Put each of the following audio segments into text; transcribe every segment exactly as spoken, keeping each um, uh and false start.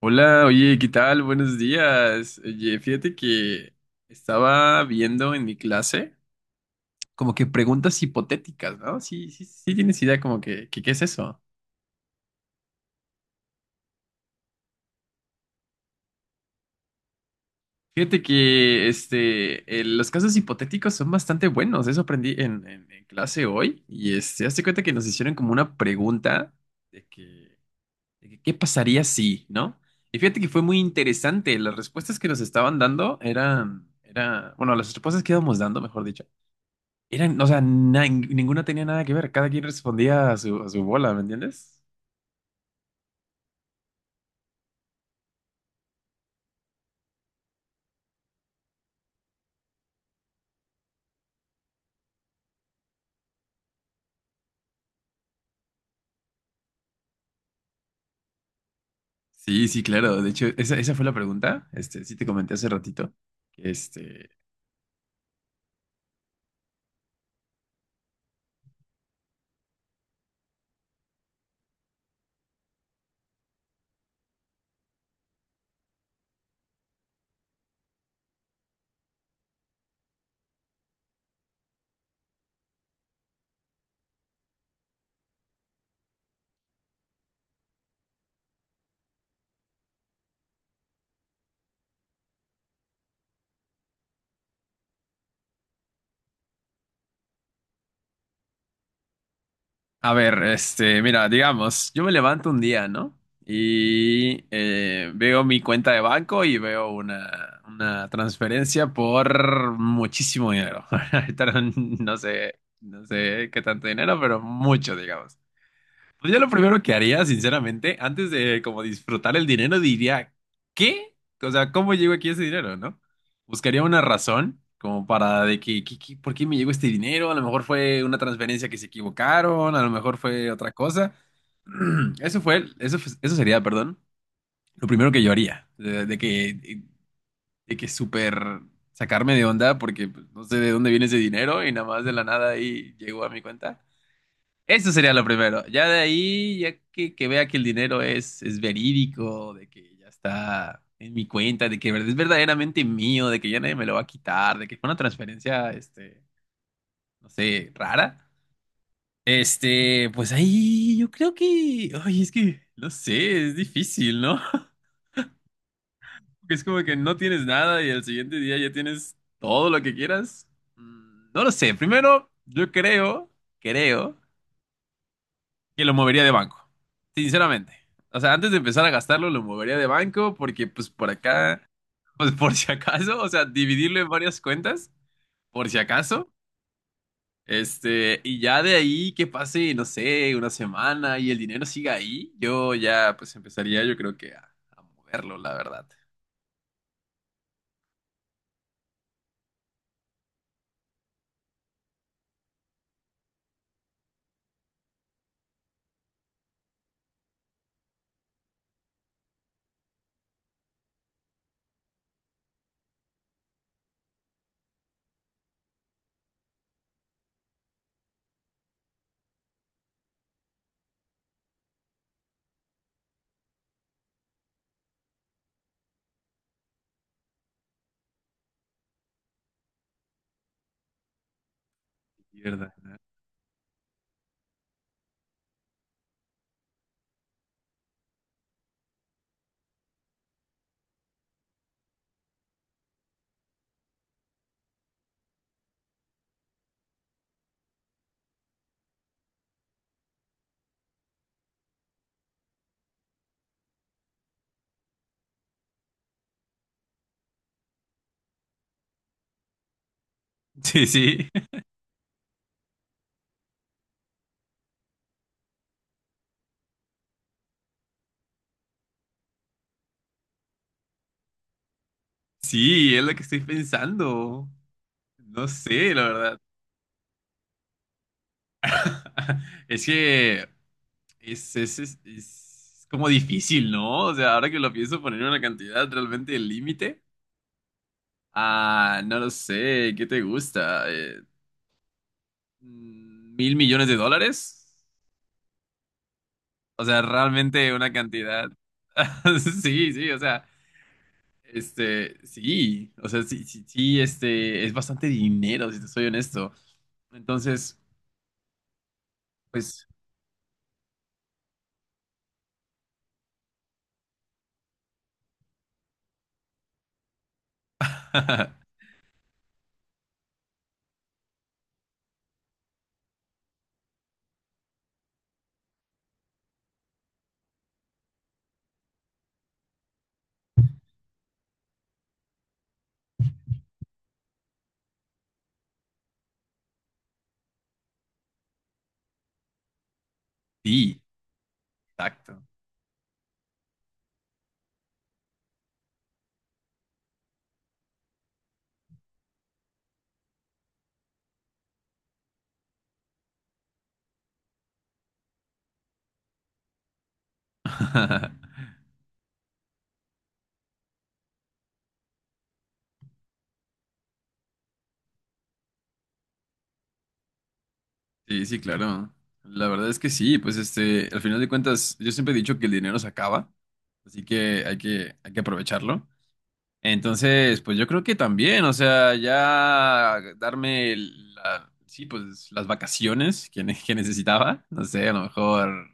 Hola, oye, ¿qué tal? Buenos días. Oye, fíjate que estaba viendo en mi clase como que preguntas hipotéticas, ¿no? Sí, sí, sí tienes idea como que, que ¿qué es eso? Fíjate que este, eh, los casos hipotéticos son bastante buenos. Eso aprendí en, en- en clase hoy. Y este, hazte cuenta que nos hicieron como una pregunta de que, de que ¿qué pasaría si, ¿no? Y fíjate que fue muy interesante. Las respuestas que nos estaban dando eran, era, bueno, las respuestas que íbamos dando, mejor dicho. Eran, o sea, na- ninguna tenía nada que ver, cada quien respondía a su, a su bola, ¿me entiendes? Sí, sí, claro. De hecho, esa, esa fue la pregunta. Este, sí te comenté hace ratito. Este, a ver, este, mira, digamos, yo me levanto un día, ¿no? Y eh, veo mi cuenta de banco y veo una, una transferencia por muchísimo dinero. Ahorita no, no sé, no sé qué tanto dinero, pero mucho, digamos. Pues yo lo primero que haría, sinceramente, antes de como disfrutar el dinero, diría, ¿qué? O sea, ¿cómo llegó aquí ese dinero, no? Buscaría una razón como para de que, que- que- ¿por qué me llegó este dinero? A lo mejor fue una transferencia que se equivocaron, a lo mejor fue otra cosa. Eso fue, eso, fue- eso sería, perdón, lo primero que yo haría, de, de que, de que súper sacarme de onda porque pues, no sé de dónde viene ese dinero y nada más de la nada ahí llegó a mi cuenta. Eso sería lo primero. Ya de ahí, ya que, que vea que el dinero es, es verídico, de que ya está en mi cuenta, de que verd- es verdaderamente mío, de que ya nadie me lo va a quitar, de que fue una transferencia, este, no sé, rara. Este, pues ahí yo creo que, ay, es que, no sé, es difícil, ¿no? Porque es como que no tienes nada y al siguiente día ya tienes todo lo que quieras. Mm, no lo sé. Primero, yo creo, creo. que lo movería de banco, sinceramente. O sea, antes de empezar a gastarlo, lo movería de banco porque pues por acá, pues por si acaso, o sea, dividirlo en varias cuentas, por si acaso, este, y ya de ahí que pase, no sé, una semana y el dinero siga ahí, yo ya pues empezaría yo creo que a, a moverlo, la verdad. Sí, verdad, sí, sí, sí, es lo que estoy pensando. No sé, la verdad. Es que... Es, es, es, es como difícil, ¿no? O sea, ahora que lo pienso poner una cantidad realmente el límite. Ah, no lo sé, ¿qué te gusta? Eh, mm, ¿mil millones de dólares? O sea, realmente una cantidad. Sí, sí, o sea, este, sí, o sea, sí, sí, sí, este, es bastante dinero, si te soy honesto. Entonces, pues, sí, exacto. Sí, sí, claro. La verdad es que sí, pues este, al final de cuentas, yo siempre he dicho que el dinero se acaba, así que hay que, hay que aprovecharlo. Entonces, pues yo creo que también, o sea, ya darme la, sí, pues las vacaciones que, ne- que necesitaba, no sé, a lo mejor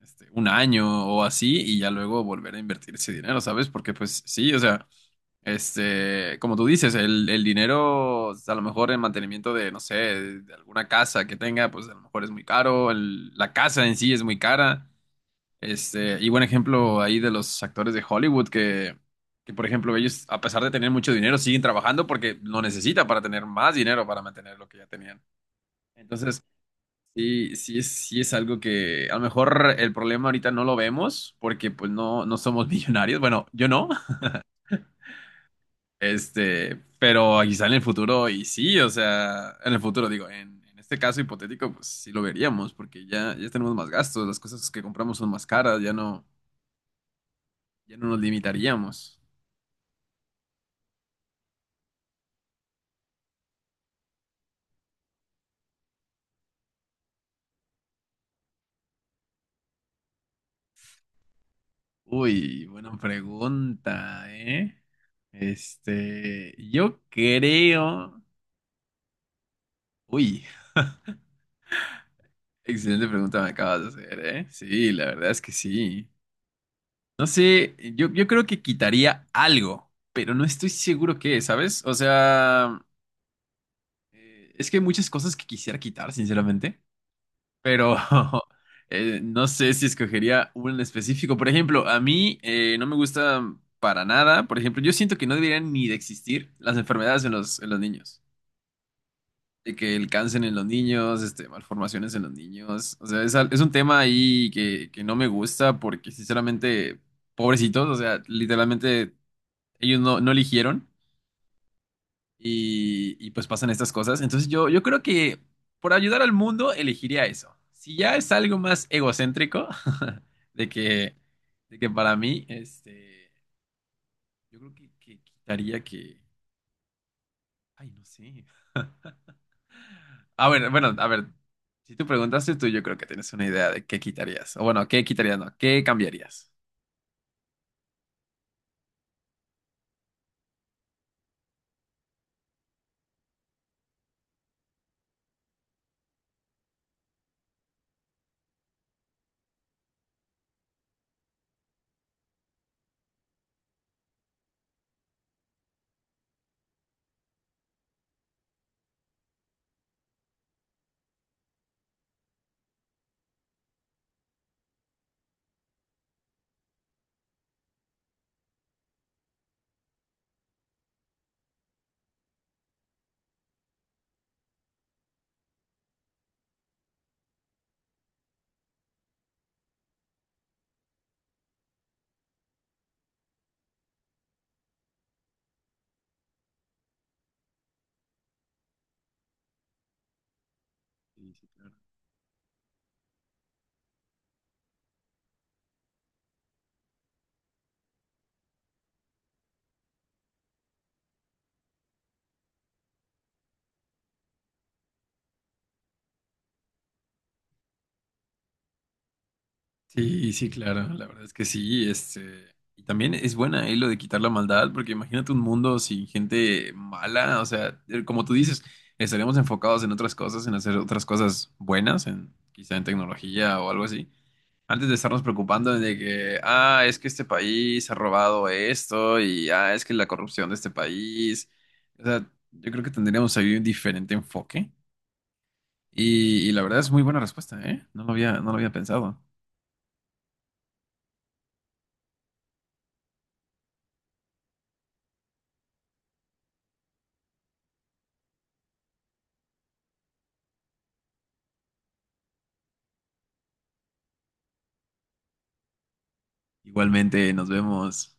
este, un año o así, y ya luego volver a invertir ese dinero, ¿sabes? Porque pues sí, o sea. Este, como tú dices, el, el dinero, a lo mejor el mantenimiento de, no sé, de alguna casa que tenga, pues a lo mejor es muy caro, el- la casa en sí es muy cara. Este, y buen ejemplo ahí de los actores de Hollywood que, que, por ejemplo, ellos, a pesar de tener mucho dinero, siguen trabajando porque lo necesitan para tener más dinero para mantener lo que ya tenían. Entonces, sí, sí es, sí es algo que a lo mejor el problema ahorita no lo vemos porque pues no, no somos millonarios. Bueno, yo no. Este, pero quizá en el futuro, y sí, o sea, en el futuro, digo, en, en este caso hipotético, pues sí lo veríamos, porque ya, ya tenemos más gastos, las cosas que compramos son más caras, ya no, ya no nos limitaríamos. Uy, buena pregunta, ¿eh? Este, yo creo. Uy, excelente pregunta me acabas de hacer, ¿eh? Sí, la verdad es que sí. No sé, yo, yo creo que quitaría algo, pero no estoy seguro qué, ¿sabes? O sea. Eh, es que hay muchas cosas que quisiera quitar, sinceramente, pero eh, no sé si escogería un en específico. Por ejemplo, a mí eh, no me gusta para nada. Por ejemplo, yo siento que no deberían ni de existir las enfermedades en los, en los niños. De que el cáncer en los niños, este, malformaciones en los niños. O sea, es, al- es un tema ahí que, que no me gusta porque, sinceramente, pobrecitos, o sea, literalmente ellos no, no eligieron. y, y, pues pasan estas cosas. Entonces yo, yo creo que por ayudar al mundo elegiría eso. Si ya es algo más egocéntrico, de que, de que para mí, este, yo creo que, que quitaría que... Ay, no sé. Ah, bueno, bueno, a ver, si tú preguntaste tú, yo creo que tienes una idea de qué quitarías. O bueno, qué quitarías, no, qué cambiarías. Sí, sí, claro. Sí, sí, claro, la verdad es que sí, este, y también es buena ahí lo de quitar la maldad, porque imagínate un mundo sin gente mala, o sea, eh, como tú dices, estaríamos enfocados en otras cosas, en hacer otras cosas buenas, en quizá en tecnología o algo así, antes de estarnos preocupando de que, ah, es que este país ha robado esto y ah, es que la corrupción de este país, o sea, yo creo que tendríamos ahí un diferente enfoque y, y la verdad es muy buena respuesta, ¿eh? No lo había, no lo había pensado. Igualmente, nos vemos.